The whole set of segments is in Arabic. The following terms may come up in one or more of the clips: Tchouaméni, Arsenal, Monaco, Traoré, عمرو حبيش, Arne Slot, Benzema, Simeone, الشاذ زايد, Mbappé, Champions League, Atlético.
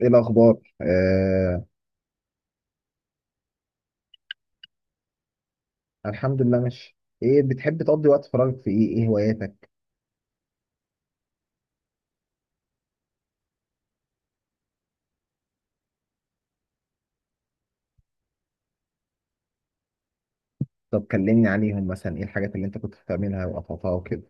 ايه الاخبار؟ الحمد لله، ماشي. ايه بتحب تقضي وقت فراغك في ايه؟ ايه هواياتك؟ طب كلمني عليهم، مثلا ايه الحاجات اللي انت كنت بتعملها وقطعتها وكده؟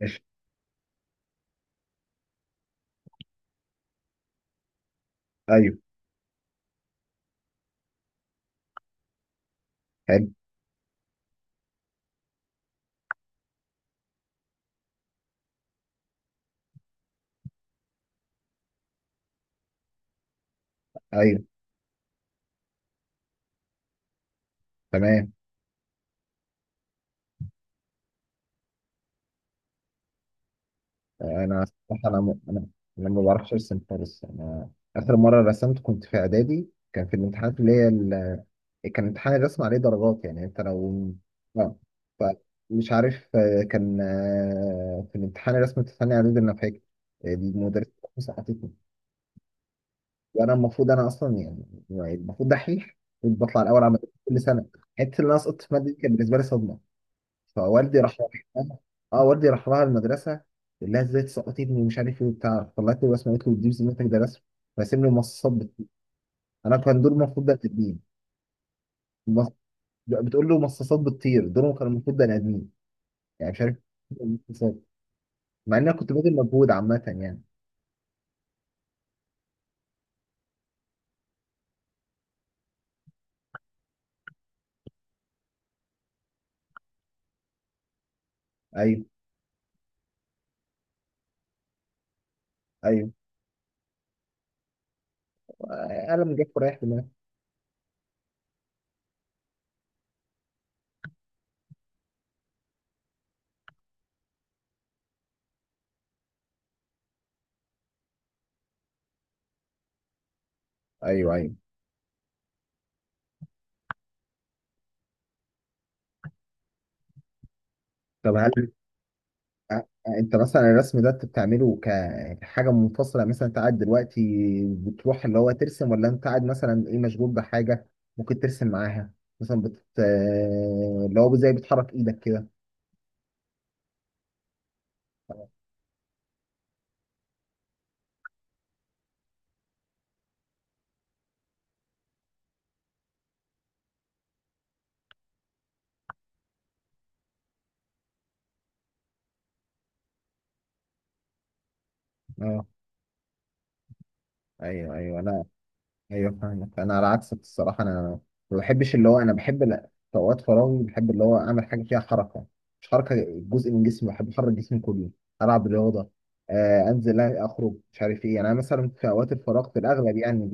ماشي. ايوه. حلو. ايوه. تمام. انا الصراحه انا م- انا انا ما بعرفش ارسم خالص. انا اخر مره رسمت كنت في اعدادي، كان في الامتحانات اللي هي كان امتحان الرسم عليه درجات، يعني انت لو... اه. ف- مش عارف، كان في الامتحان الرسم الثاني اعدادي، انا فاكر المدرسة حطيتني. وانا المفروض، انا اصلا يعني المفروض دحيح، كنت بطلع الاول على مدرسه كل سنه. حته اللي انا سقطت في ماده دي كانت بالنسبه لي صدمه. فوالدي راح. اه. والدي راح لها المدرسه، قال لها ازاي تسقطي ابني ومش عارف ايه وبتاع. طلعت له رسمه قالت له دي بذمتك ده رسم؟ راسم لي مصاصات بتطير. انا كان دول المفروض بني ادمين. مص- بتقول له مصاصات بتطير؟ دول كانوا المفروض بني ادمين، يعني مش عارف إيه المصاصات. مع ان انا كنت باذل مجهود عامه يعني. ايوه، ايوه. قلم جاف ورايح دماغي. ايوه، ايوه. طب هل... أ- انت مثلا الرسم ده انت بتعمله كحاجه منفصله؟ مثلا انت قاعد دلوقتي بتروح اللي هو ترسم، ولا انت قاعد مثلا ايه مشغول بحاجه ممكن ترسم معاها؟ مثلا بت آه، اللي هو زي بتحرك ايدك كده؟ اه. ايوه، ايوه. لا. ايوه، فاهمك. انا على عكسك الصراحه، انا ما بحبش اللي هو انا بحب، لا، في اوقات فراغي بحب اللي هو اعمل حاجه فيها حركه. مش حركه جزء من جسمي، بحب احرك جسمي كله. العب رياضه، انزل اخرج مش عارف ايه. يعني انا مثلا في اوقات الفراغ في الاغلب، يعني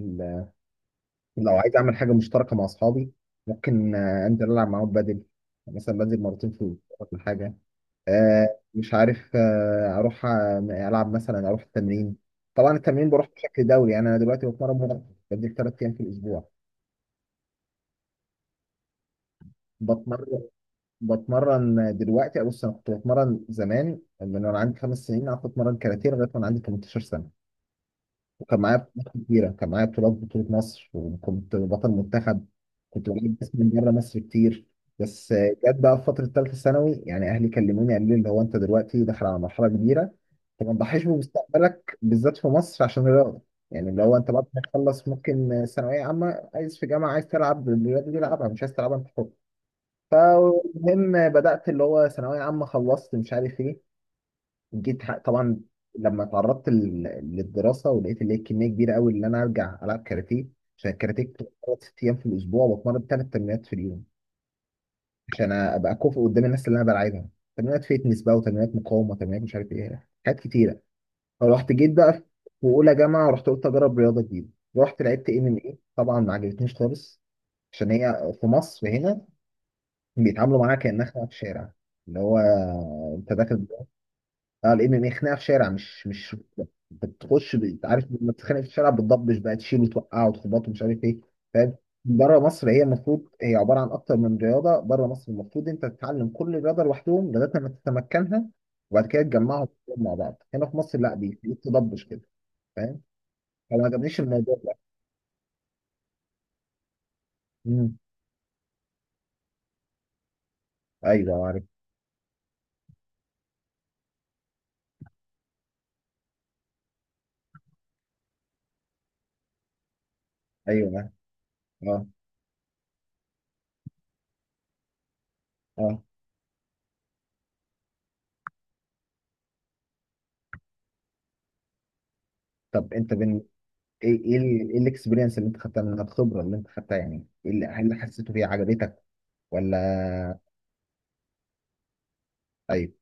لو عايز اعمل حاجه مشتركه مع اصحابي ممكن انزل العب معاهم. بدل مثلا بنزل مرتين في الاسبوع ولا حاجه، مش عارف، اروح العب، مثلا اروح التمرين. طبعا التمرين بروح بشكل دوري، يعني انا دلوقتي بتمرن مرة، بنزل 3 ايام في الاسبوع. بتمرن بتمرن دلوقتي. بص، انا كنت بتمرن زمان من وانا عندي 5 سنين، قعدت اتمرن كاراتيه لغايه وانا عندي 18 سنه. وكان معايا بطولات كتيرة، كان معايا بطولات بطولة مصر، وكنت بطل منتخب. كنت بجيب ناس من بره مصر كتير. بس جت بقى في فترة تالتة ثانوي، يعني أهلي كلموني قالوا لي اللي هو أنت دلوقتي داخل على مرحلة كبيرة، أنت ما تضحيش بمستقبلك بالذات في مصر عشان الرياضة. يعني اللي هو أنت بعد ما تخلص ممكن، ثانوية عامة عايز في جامعة، عايز تلعب الرياضة دي العبها، مش عايز تلعبها أنت حر. فالمهم بدأت اللي هو ثانوية عامة، خلصت مش عارف إيه. جيت طبعا لما اتعرضت للدراسه، ولقيت اللي هي كميه كبيره قوي ان انا ارجع العب كاراتيه. عشان الكاراتيه كنت بتمرن 6 ايام في الاسبوع، وبتمرن 3 تمرينات في اليوم، عشان ابقى كوفي قدام الناس اللي انا بلعبها. تمرينات فيتنس بقى، وتمرينات مقاومه، تمرينات مش عارف ايه، حاجات كتيره. فرحت جيت بقى في اولى جامعه، رحت قلت اجرب رياضه جديده. رحت لعبت ام ام ايه، طبعا ما عجبتنيش خالص، عشان هي في مصر هنا بيتعاملوا معاها كانها خناقه في الشارع. اللي هو انت داخل. اه. الام ام اي خناقه في شارع، مش بتخش انت عارف لما بتتخانق في الشارع بتضبش بقى، تشيل وتوقع وتخبط ومش عارف ايه. فاهم. بره مصر هي المفروض هي عباره عن اكتر من رياضه، بره مصر المفروض انت تتعلم كل رياضه لوحدهم لغايه لما تتمكنها، وبعد كده تجمعهم مع بعض. هنا في مصر لا، بيخليك تضبش كده. فاهم. فما عجبنيش الموضوع ده. امم. ايوه. عارف. ايوه. اه. اه. طب انت بين... ايه الاكسبيرينس اللي انت خدتها منها، الخبره اللي انت خدتها، يعني ايه اللي هل حسيته هي عجبتك ولا؟ ايوه.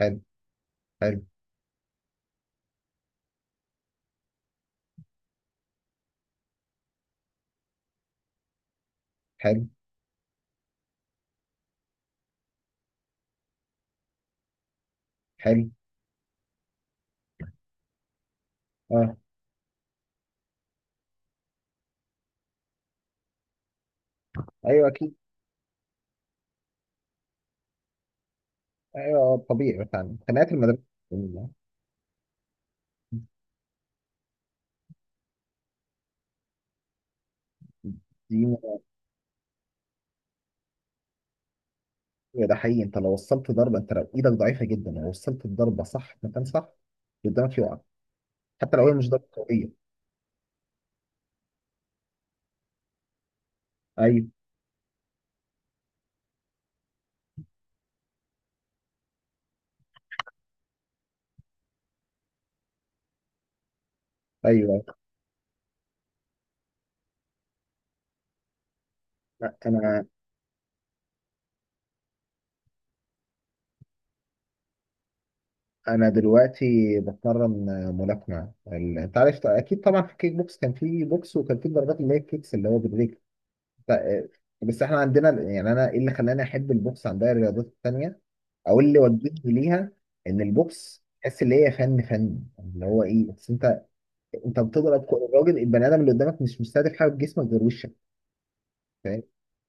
حلو، حلو، حلو، حلو. اه. ايوه. اكيد. ايوه. طبيعي مثلا خناقات المدرسه دي. ده حقيقي. انت لو وصلت ضربه، انت لو ايدك ضعيفه جدا لو وصلت الضربه صح في مكان صح، اللي قدامك يقع. حتى لو هي مش ضربه قويه. ايوه، ايوه. انا انا دلوقتي بتمرن ملاكمه. انت عارف اكيد طبعا في الكيك بوكس كان في بوكس وكان في ضربات، اللي هي الكيكس اللي هو بالرجل. ف- بس احنا عندنا، يعني انا ايه اللي خلاني احب البوكس عن باقي الرياضات التانيه، او اللي وجهني ليها؟ ان البوكس تحس اللي هي فن، فن اللي هو ايه بس؟ انت بتضرب الراجل البني ادم اللي قدامك مش مستهدف حاجه في جسمك غير وشك. فاهم.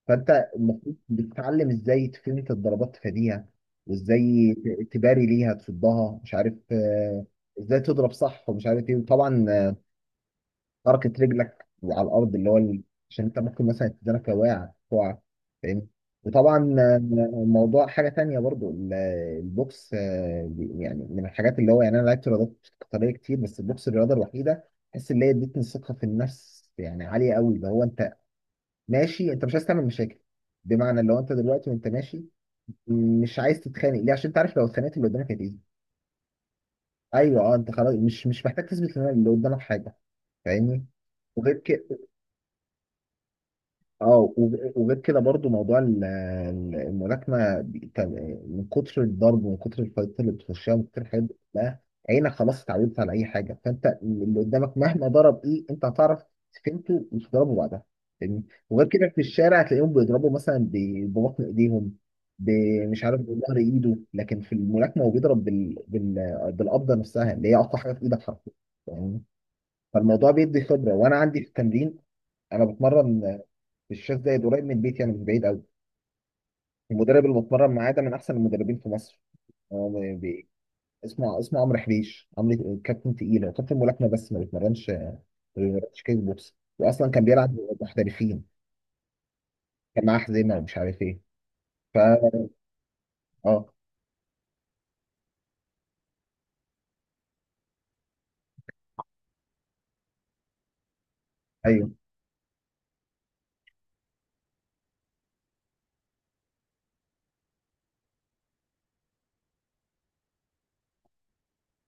فانت المفروض بتتعلم ازاي تفنت الضربات، تفاديها، وازاي تباري ليها، تصدها، مش عارف ازاي تضرب صح ومش عارف ايه. وطبعا حركة رجلك على الأرض، اللي هو عشان أنت ممكن مثلا تدرك واقع تقع. فاهم. وطبعا موضوع حاجة تانية برضو، البوكس يعني من الحاجات اللي هو، يعني أنا لعبت رياضات قتالية كتير، بس البوكس الرياضة الوحيدة بحس اللي هي ادتني ثقة في النفس يعني عالية قوي. اللي هو أنت ماشي، أنت مش عايز تعمل مشاكل، بمعنى لو أنت دلوقتي وأنت ماشي مش عايز تتخانق ليه؟ عشان أنت عارف لو اتخانقت اللي قدامك هتأذي. أيوه، أه. أنت خلاص مش محتاج تثبت اللي قدامك حاجة. فاهمني؟ وغير كده. اه. وغير كده برضو موضوع الملاكمه، من كتر الضرب، ومن كتر الفايتات اللي بتخشها، ومن كتر الحاجات دي كلها، عينك خلاص اتعودت على اي حاجه. فانت اللي قدامك مهما ضرب ايه انت هتعرف فهمته وتضربه بعدها. فاهمني؟ وغير كده في الشارع هتلاقيهم بيضربوا مثلا ببطن ايديهم، ب- مش عارف بظهر ايده، لكن في الملاكمه هو بيضرب بالقبضه نفسها اللي هي اقوى حاجه في ايدك حرفيا. فاهمني؟ فالموضوع بيدي خبره. وانا عندي في التمرين، انا بتمرن الشاذ زايد قريب من البيت، يعني مش بعيد قوي. المدرب اللي بتمرن معاه ده من احسن المدربين في مصر. هو اسمه عمرو حبيش. عمرو كابتن تقيل، هو كابتن ملاكمه بس ما بيتمرنش كيك بوكس، واصلا كان بيلعب محترفين، كان معاه حزينه ومش عارف ايه. فا اه. ايوه،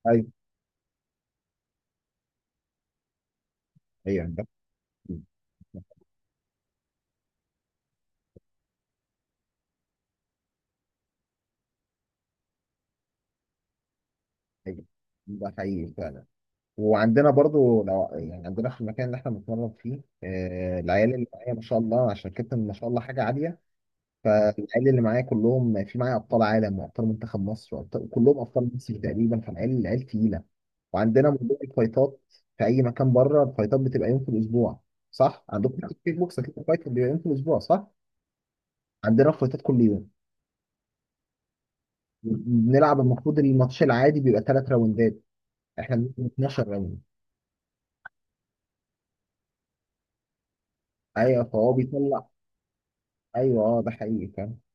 ايوه، ايوه. ده حقيقي. ايوه، ده حقيقي فعلا. وعندنا برضو، لو يعني عندنا في المكان اللي احنا بنتمرن فيه، العيال اللي معايا ما شاء الله، عشان كابتن ما شاء الله حاجه عاليه. فالعيال اللي معايا كلهم، في معايا ابطال عالم وابطال منتخب مصر وابطال كلهم ابطال مصر تقريبا. فالعيال تقيله. وعندنا موضوع الفايتات، في اي مكان بره الفايتات بتبقى يوم في الاسبوع، صح؟ عندكم في الكيك بوكس اكيد الفايت بيبقى يوم في الاسبوع، صح؟ عندنا الفايتات كل يوم. بنلعب، المفروض الماتش العادي بيبقى 3 راوندات، احنا بنلعب 12 راوند. ايوه، فهو بيطلع. ايوه، اه، ده حقيقي.